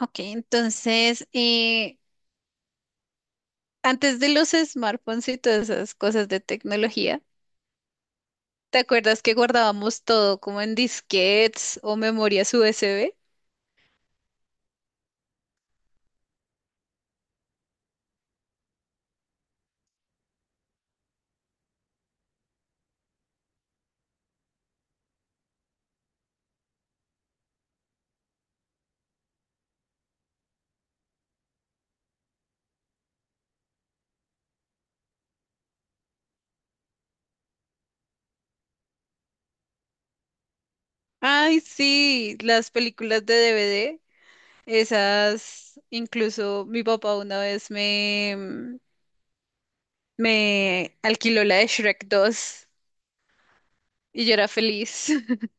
Ok, entonces, antes de los smartphones y todas esas cosas de tecnología, ¿te acuerdas que guardábamos todo como en disquetes o memorias USB? Ay, sí, las películas de DVD, esas, incluso mi papá una vez me alquiló la de Shrek 2 y yo era feliz.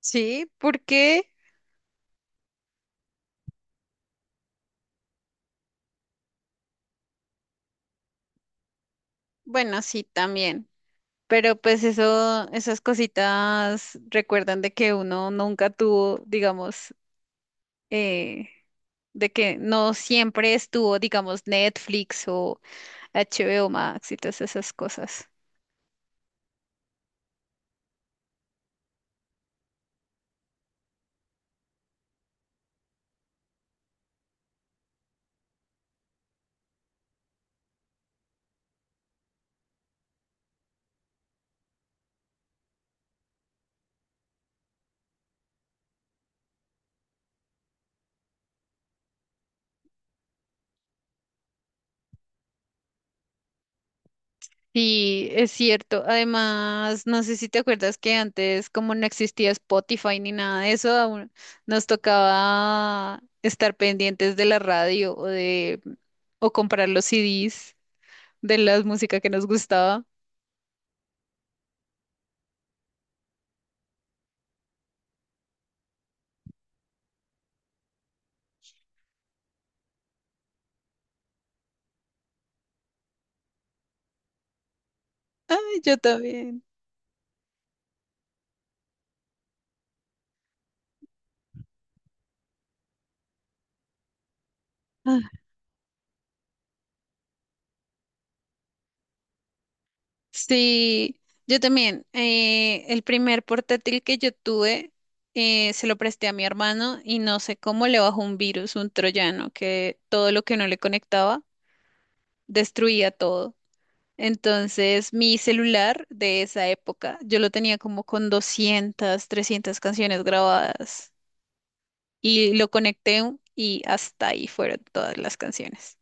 Sí, porque, bueno, sí, también. Pero pues eso, esas cositas recuerdan de que uno nunca tuvo, digamos, eh, de que no siempre estuvo, digamos, Netflix o HBO Max y todas esas cosas. Sí, es cierto. Además, no sé si te acuerdas que antes, como no existía Spotify ni nada de eso, aún nos tocaba estar pendientes de la radio o comprar los CDs de la música que nos gustaba. Ay, yo también. Sí, yo también. El primer portátil que yo tuve, se lo presté a mi hermano y no sé cómo le bajó un virus, un troyano, que todo lo que no le conectaba destruía todo. Entonces, mi celular de esa época, yo lo tenía como con 200, 300 canciones grabadas y lo conecté y hasta ahí fueron todas las canciones.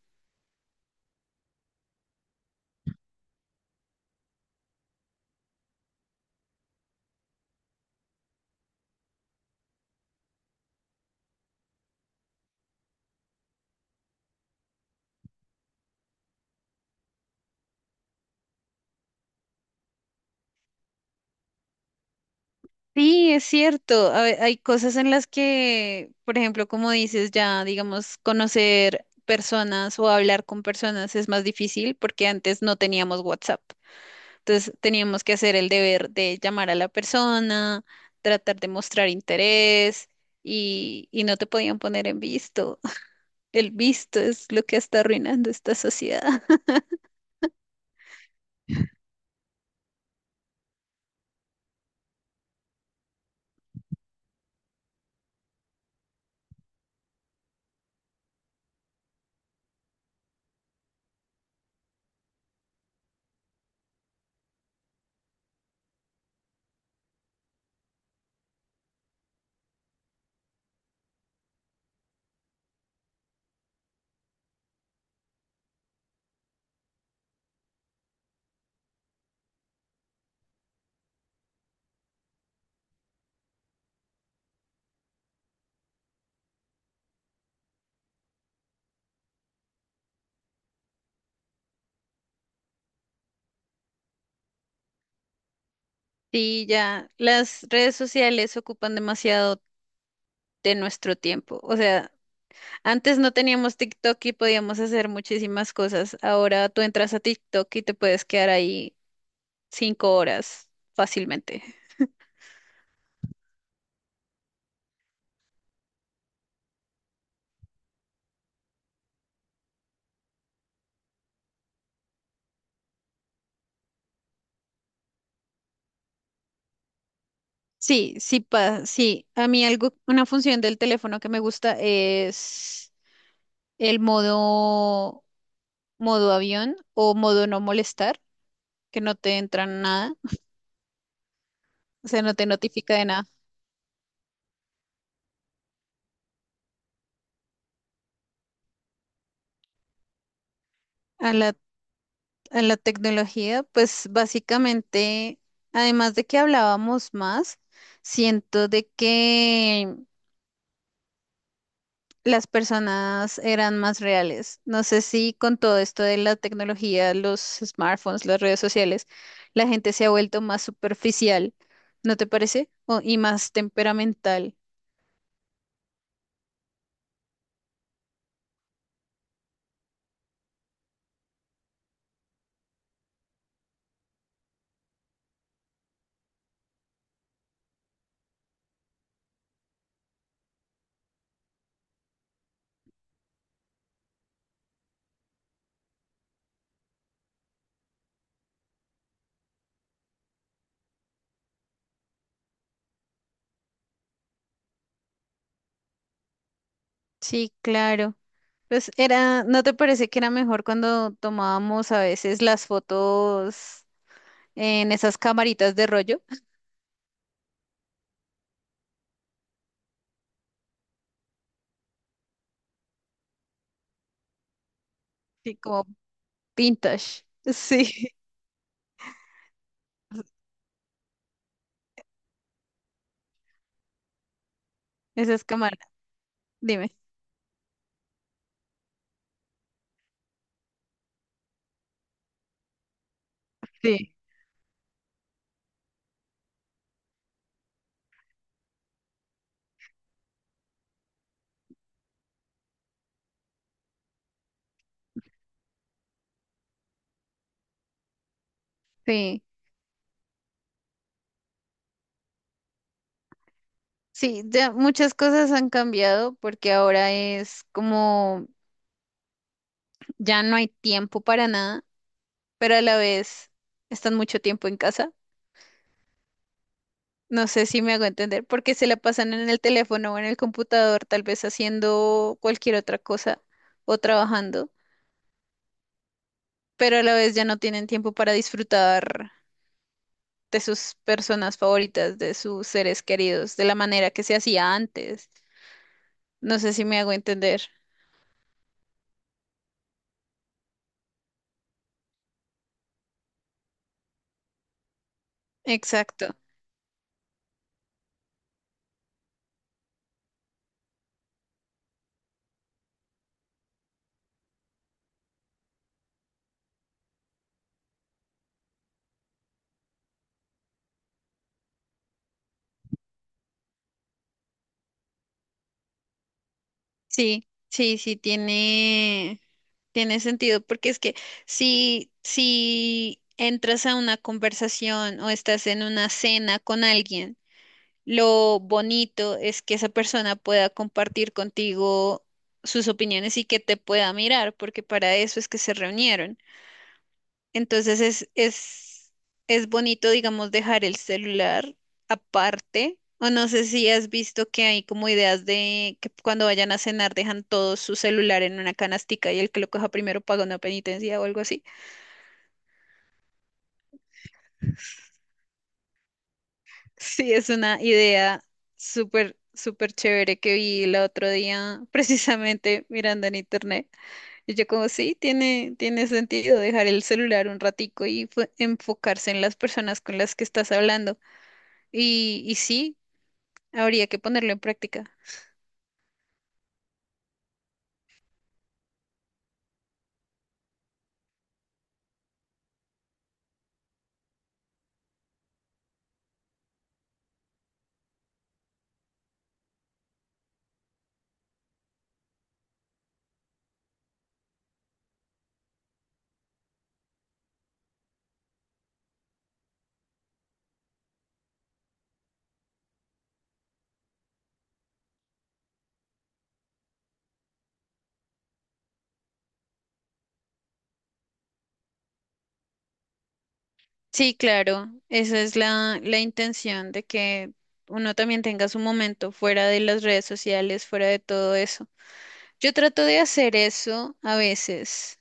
Sí, es cierto. Hay cosas en las que, por ejemplo, como dices, ya, digamos, conocer personas o hablar con personas es más difícil porque antes no teníamos WhatsApp. Entonces teníamos que hacer el deber de llamar a la persona, tratar de mostrar interés y no te podían poner en visto. El visto es lo que está arruinando esta sociedad. Sí, ya, las redes sociales ocupan demasiado de nuestro tiempo. O sea, antes no teníamos TikTok y podíamos hacer muchísimas cosas. Ahora tú entras a TikTok y te puedes quedar ahí 5 horas fácilmente. Sí, sí, sí. A mí algo, una función del teléfono que me gusta es el modo avión o modo no molestar, que no te entra nada, o sea, no te notifica de nada. A la, a la tecnología, pues básicamente, además de que hablábamos más, siento de que las personas eran más reales. No sé si con todo esto de la tecnología, los smartphones, las redes sociales, la gente se ha vuelto más superficial, ¿no te parece? Y más temperamental. Sí, claro. Pues era, ¿no te parece que era mejor cuando tomábamos a veces las fotos en esas camaritas de rollo? Sí, como vintage. Sí, esas cámaras. Dime. Sí. Sí. Sí, ya muchas cosas han cambiado porque ahora es como ya no hay tiempo para nada, pero a la vez están mucho tiempo en casa. No sé si me hago entender, porque se la pasan en el teléfono o en el computador, tal vez haciendo cualquier otra cosa o trabajando, pero a la vez ya no tienen tiempo para disfrutar de sus personas favoritas, de sus seres queridos, de la manera que se hacía antes. No sé si me hago entender. Exacto. Sí, sí, sí. Tiene sentido, porque es que si entras a una conversación o estás en una cena con alguien, lo bonito es que esa persona pueda compartir contigo sus opiniones y que te pueda mirar, porque para eso es que se reunieron. Entonces es bonito, digamos, dejar el celular aparte. O no sé si has visto que hay como ideas de que cuando vayan a cenar dejan todo su celular en una canastica y el que lo coja primero paga una penitencia o algo así. Sí, es una idea súper, súper chévere que vi el otro día, precisamente mirando en internet. Y yo como, sí, tiene sentido dejar el celular un ratico y enfocarse en las personas con las que estás hablando. Y sí, habría que ponerlo en práctica. Sí, claro, esa es la intención de que uno también tenga su momento fuera de las redes sociales, fuera de todo eso. Yo trato de hacer eso a veces.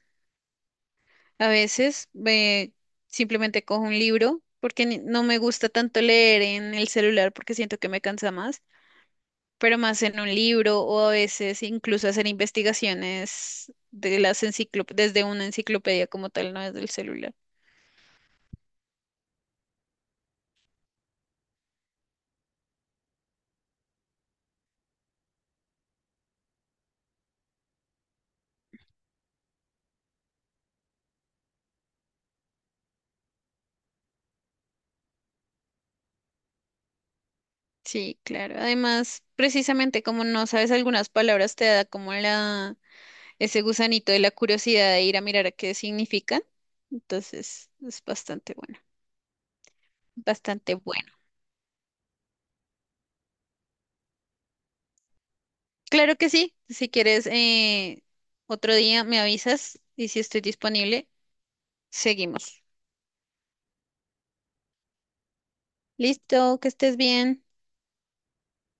A veces simplemente cojo un libro porque no me gusta tanto leer en el celular porque siento que me cansa más, pero más en un libro o a veces incluso hacer investigaciones de las enciclop desde una enciclopedia como tal, no desde el celular. Sí, claro. Además, precisamente como no sabes algunas palabras, te da como ese gusanito de la curiosidad de ir a mirar a qué significan. Entonces, es bastante bueno, bastante bueno. Claro que sí. Si quieres, otro día me avisas y si estoy disponible, seguimos. Listo, que estés bien.